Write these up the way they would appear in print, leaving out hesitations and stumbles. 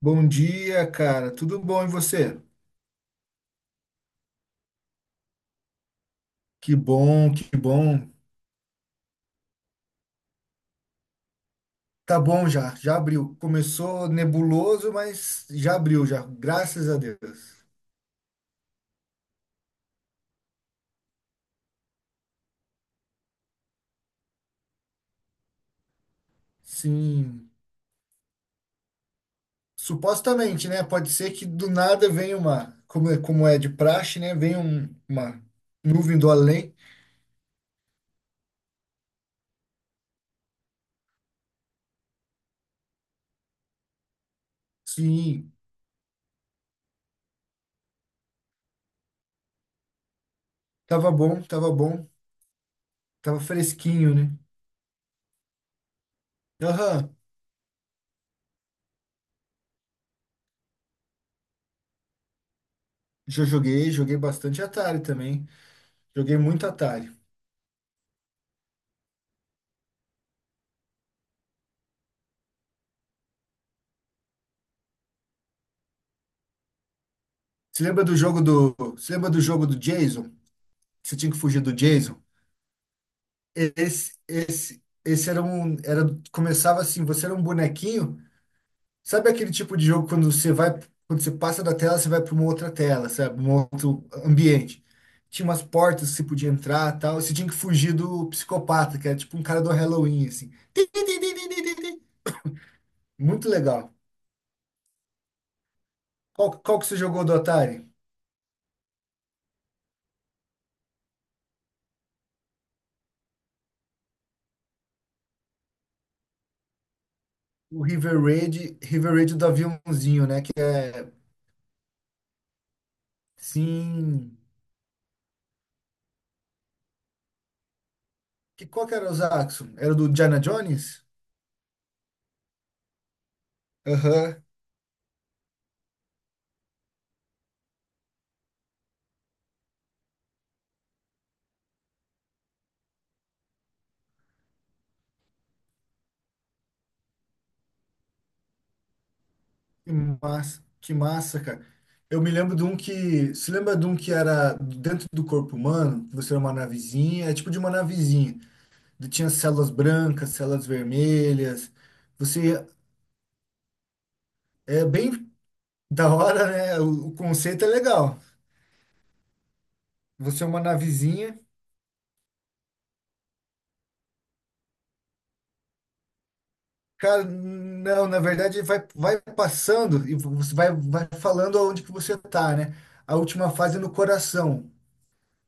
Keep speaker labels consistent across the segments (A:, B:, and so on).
A: Bom dia, cara. Tudo bom e você? Que bom, que bom. Tá bom já, já abriu. Começou nebuloso, mas já abriu já. Graças a Deus. Sim, supostamente, né? Pode ser que do nada venha uma, como é de praxe, né? Venha uma nuvem do além. Sim, tava bom, tava bom. Tava fresquinho, né? Aham. Já joguei, joguei bastante Atari também. Joguei muito Atari. Você lembra do jogo do Jason? Você tinha que fugir do Jason. Esse começava assim, você era um bonequinho. Sabe aquele tipo de jogo quando você vai, quando você passa da tela, você vai para uma outra tela, sabe? Um outro ambiente. Tinha umas portas que você podia entrar, tal. Você tinha que fugir do psicopata, que era tipo um cara do Halloween, assim. Tim, tim, tim, tim, tim, tim, tim. Muito legal. Qual que você jogou do Atari? O River Raid, River Raid do aviãozinho, né? Que é, sim. Que qual que era o Zaxxon? Era do Diana Jones? Aham. Que que massa, cara. Eu me lembro de um que. Se lembra de um que era dentro do corpo humano? Que Você era uma navezinha, é tipo de uma navezinha. De- Tinha células brancas, células vermelhas. Você. É bem da hora, né? O conceito é legal. Você é uma navezinha. Cara, não, na verdade vai passando e você vai falando aonde que você tá, né? A última fase é no coração.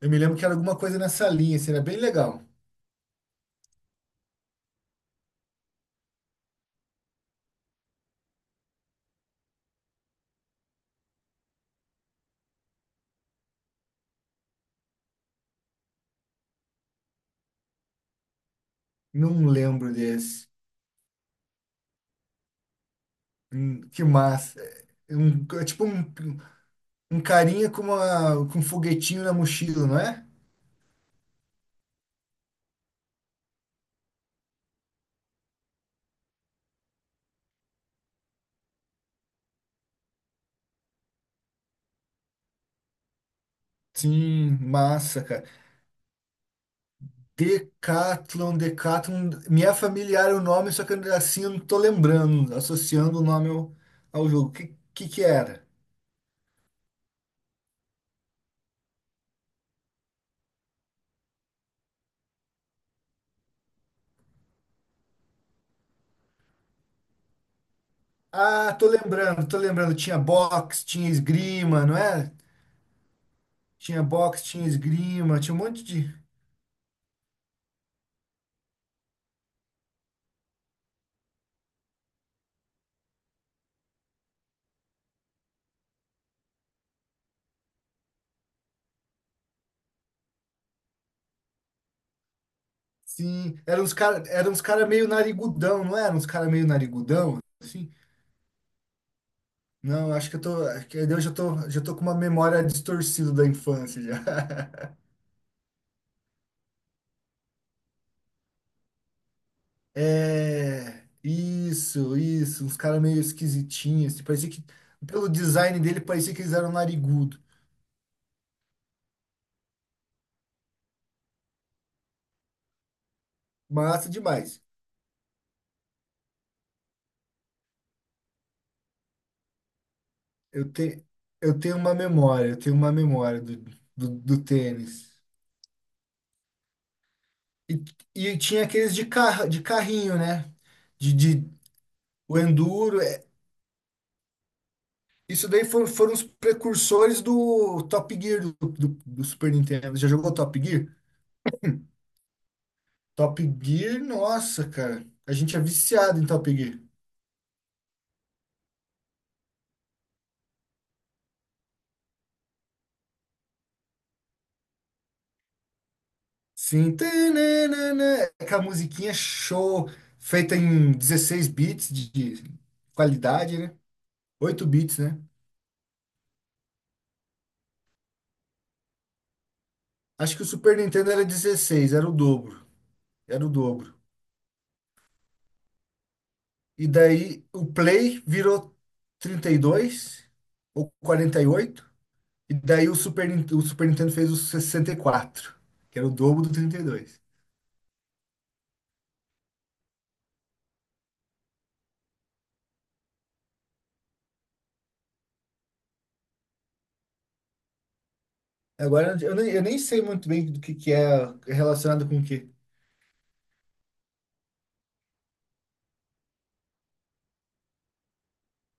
A: Eu me lembro que era alguma coisa nessa linha, assim, era bem legal. Não lembro desse. Que massa. É tipo um carinha com um foguetinho na mochila, não é? Sim, massa, cara. Decathlon, Decathlon. Me é familiar o nome, só que assim eu não tô lembrando, associando o nome ao jogo. Que era? Ah, tô lembrando, tô lembrando. Tinha boxe, tinha esgrima, não é? Tinha boxe, tinha esgrima, tinha um monte de. Sim, eram uns caras, eram uns cara meio narigudão, não eram uns caras meio narigudão, assim? Não, acho que eu já tô com uma memória distorcida da infância já. É, isso, uns caras meio esquisitinhos, assim, parecia que pelo design dele parecia que eles eram narigudo. Massa demais. Eu te, eu tenho uma memória, eu tenho uma memória do tênis. E, e tinha aqueles de carro, de carrinho, né? De o enduro. Isso daí foram os precursores do Top Gear do Super Nintendo. Já jogou Top Gear? Top Gear, nossa, cara. A gente é viciado em Top Gear. Sim, tananana, é aquela musiquinha show, feita em 16 bits de qualidade, né? 8 bits, né? Acho que o Super Nintendo era 16, era o dobro, era o dobro. E daí o Play virou 32 ou 48. E daí o Super Nintendo fez o 64 que era o dobro do 32. Agora eu nem sei muito bem do que é relacionado com o quê.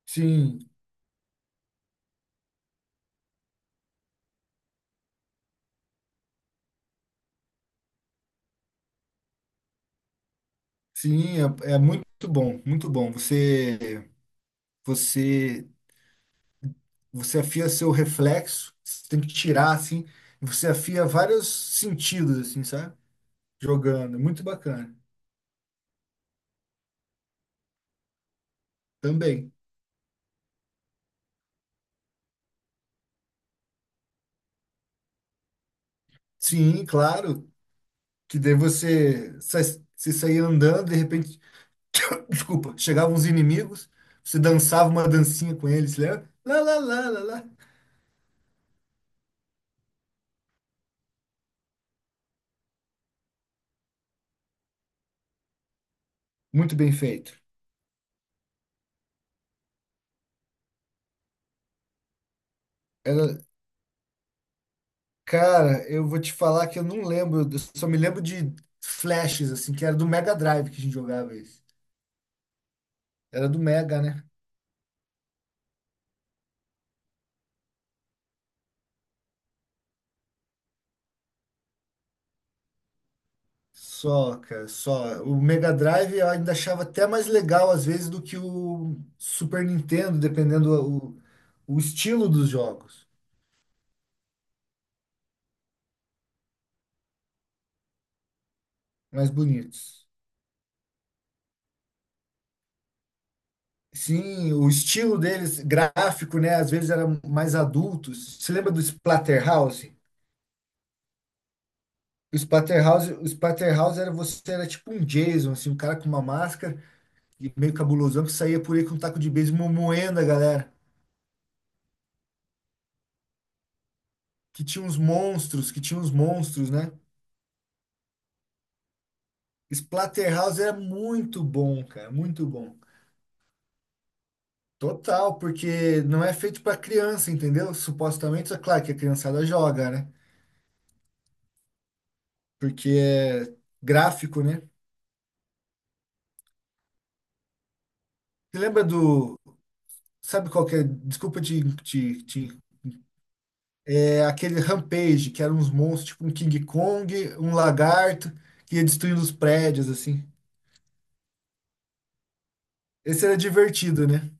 A: Sim, sim, é muito bom, muito bom. Você, você afia seu reflexo, você tem que tirar assim, e você afia vários sentidos assim, sabe? Jogando, é muito bacana. Também. Sim, claro, que daí você sair andando, de repente desculpa, chegavam os inimigos, você dançava uma dancinha com eles, lembra? Lá, lá, lá, lá, lá. Muito bem feito. Era- cara, eu vou te falar que eu não lembro, eu só me lembro de flashes, assim, que era do Mega Drive que a gente jogava isso. Era do Mega, né? Só, cara, só. O Mega Drive eu ainda achava até mais legal, às vezes, do que o Super Nintendo, dependendo o estilo dos jogos, mais bonitos. Sim, o estilo deles, gráfico, né? Às vezes era mais adultos. Você lembra do Splatterhouse? O Splatterhouse, o Splatterhouse era você era tipo um Jason, assim, um cara com uma máscara e meio cabulosão que saía por aí com um taco de beisebol moendo a galera. Que tinha uns monstros, que tinha uns monstros, né? Splatterhouse era muito bom, cara, muito bom. Total, porque não é feito pra criança, entendeu? Supostamente, é claro que a criançada joga, né? Porque é gráfico, né? Você lembra do Sabe qual que é? Desculpa te. É aquele Rampage, que eram uns monstros, tipo um King Kong, um lagarto, que ia destruindo os prédios, assim. Esse era divertido, né?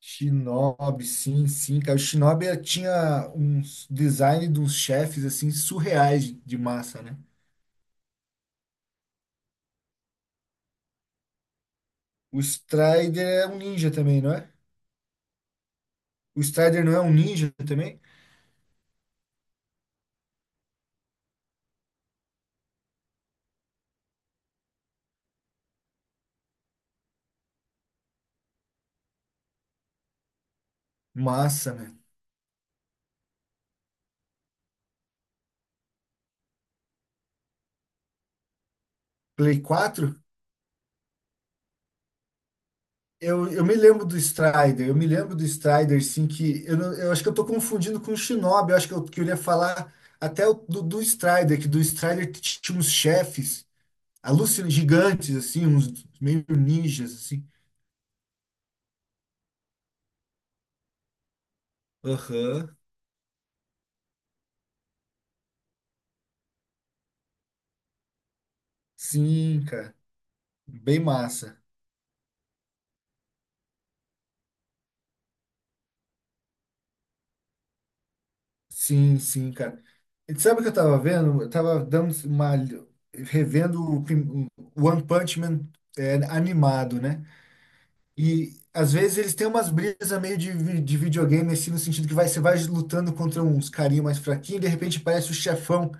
A: Shinobi, sim, sim, cara. O Shinobi tinha uns design de uns chefes, assim, surreais de massa, né? O Strider é um ninja também, não é? O Strider não é um ninja também? Massa, né? Play 4. Eu me lembro do Strider, eu me lembro do Strider, sim, que eu, não- eu acho que eu tô confundindo com o Shinobi, eu acho que eu queria falar até do Strider, que do Strider tinha uns chefes alucin gigantes, assim, uns meio ninjas, assim. Aham, sim, cara, bem massa. Sim, sim, cara. E sabe o que eu tava vendo? Eu tava revendo o One Punch Man é, animado, né? E às vezes eles têm umas brisas meio de videogame, assim, no sentido que você vai lutando contra uns carinha mais fraquinho, e de repente parece um chefão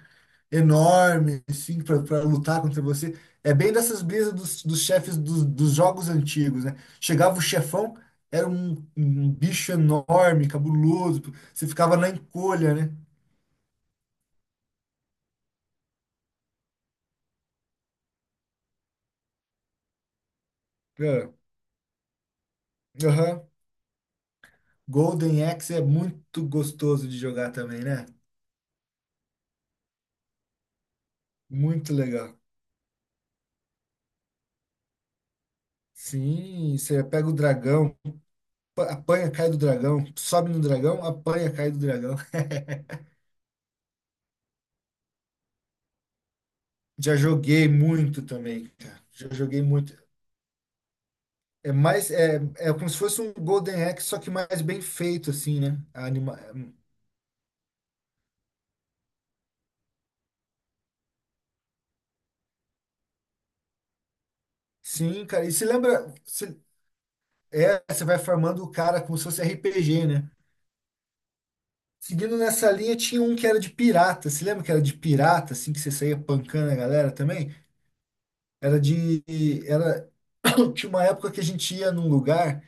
A: enorme, assim, pra lutar contra você. É bem dessas brisas dos chefes dos jogos antigos, né? Chegava o chefão, era um bicho enorme, cabuloso, você ficava na encolha, né? É. Aham. Golden Axe é muito gostoso de jogar também, né? Muito legal. Sim, você pega o dragão. Apanha, cai do dragão. Sobe no dragão, apanha, cai do dragão. Já joguei muito também, cara. Já joguei muito. É mais, é como se fosse um Golden Axe, só que mais bem feito, assim, né? A anima... Sim, cara. E se lembra, se... é, você vai farmando o cara como se fosse RPG, né? Seguindo nessa linha, tinha um que era de pirata. Se lembra que era de pirata, assim, que você saía pancando a galera também? Era de. Era... Tinha uma época que a gente ia num lugar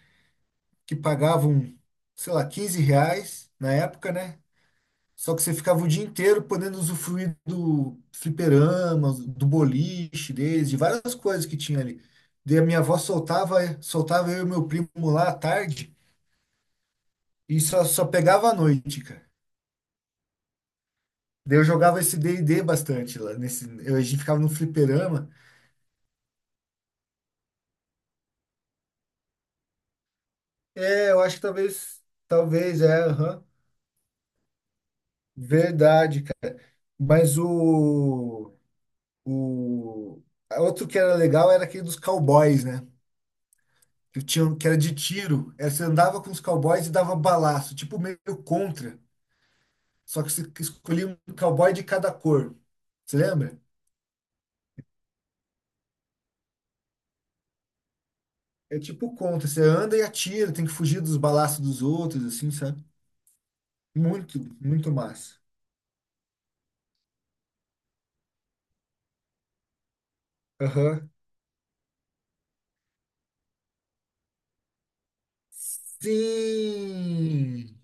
A: que pagavam, sei lá, R$ 15 na época, né? Só que você ficava o dia inteiro podendo usufruir do fliperama, do boliche deles, de várias coisas que tinha ali. Daí a minha avó soltava eu e meu primo lá à tarde e só pegava à noite, cara. Daí eu jogava esse D&D bastante lá nesse, a gente ficava no fliperama. É, eu acho que talvez, talvez, é, aham. Verdade, cara. Mas o O outro que era legal era aquele dos cowboys, né? Que tinha, um, que era de tiro. Era, você andava com os cowboys e dava balaço, tipo meio contra. Só que você escolhia um cowboy de cada cor. Você lembra? É tipo contra. Você anda e atira, tem que fugir dos balaços dos outros, assim, sabe? Muito, muito massa. Aham. Sim!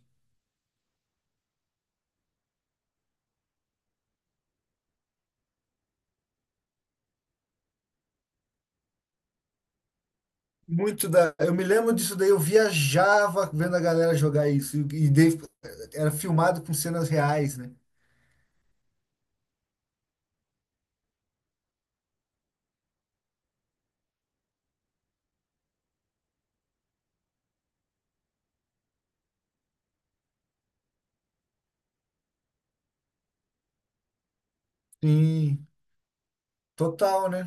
A: Muito da. Eu me lembro disso daí, eu viajava vendo a galera jogar isso. E daí era filmado com cenas reais, né? Sim, total, né?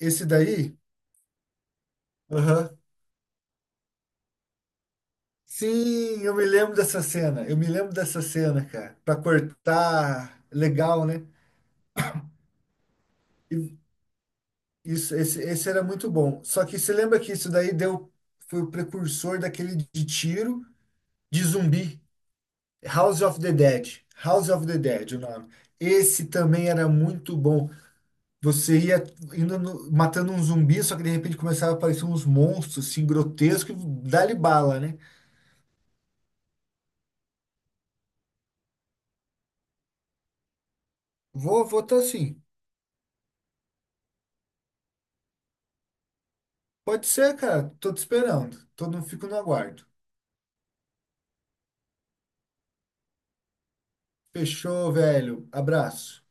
A: Esse daí? Aham. Sim, eu me lembro dessa cena. Eu me lembro dessa cena, cara. Pra cortar, legal, né? E isso, esse era muito bom. Só que você lembra que isso daí foi o precursor daquele de tiro de zumbi, House of the Dead. House of the Dead, o nome. Esse também era muito bom. Você ia indo no- matando um zumbi, só que de repente começava a aparecer uns monstros assim grotescos, e dá-lhe bala, né? Vou tá assim. Pode ser, cara. Tô te esperando. Tô, não fico no aguardo. Fechou, velho. Abraço.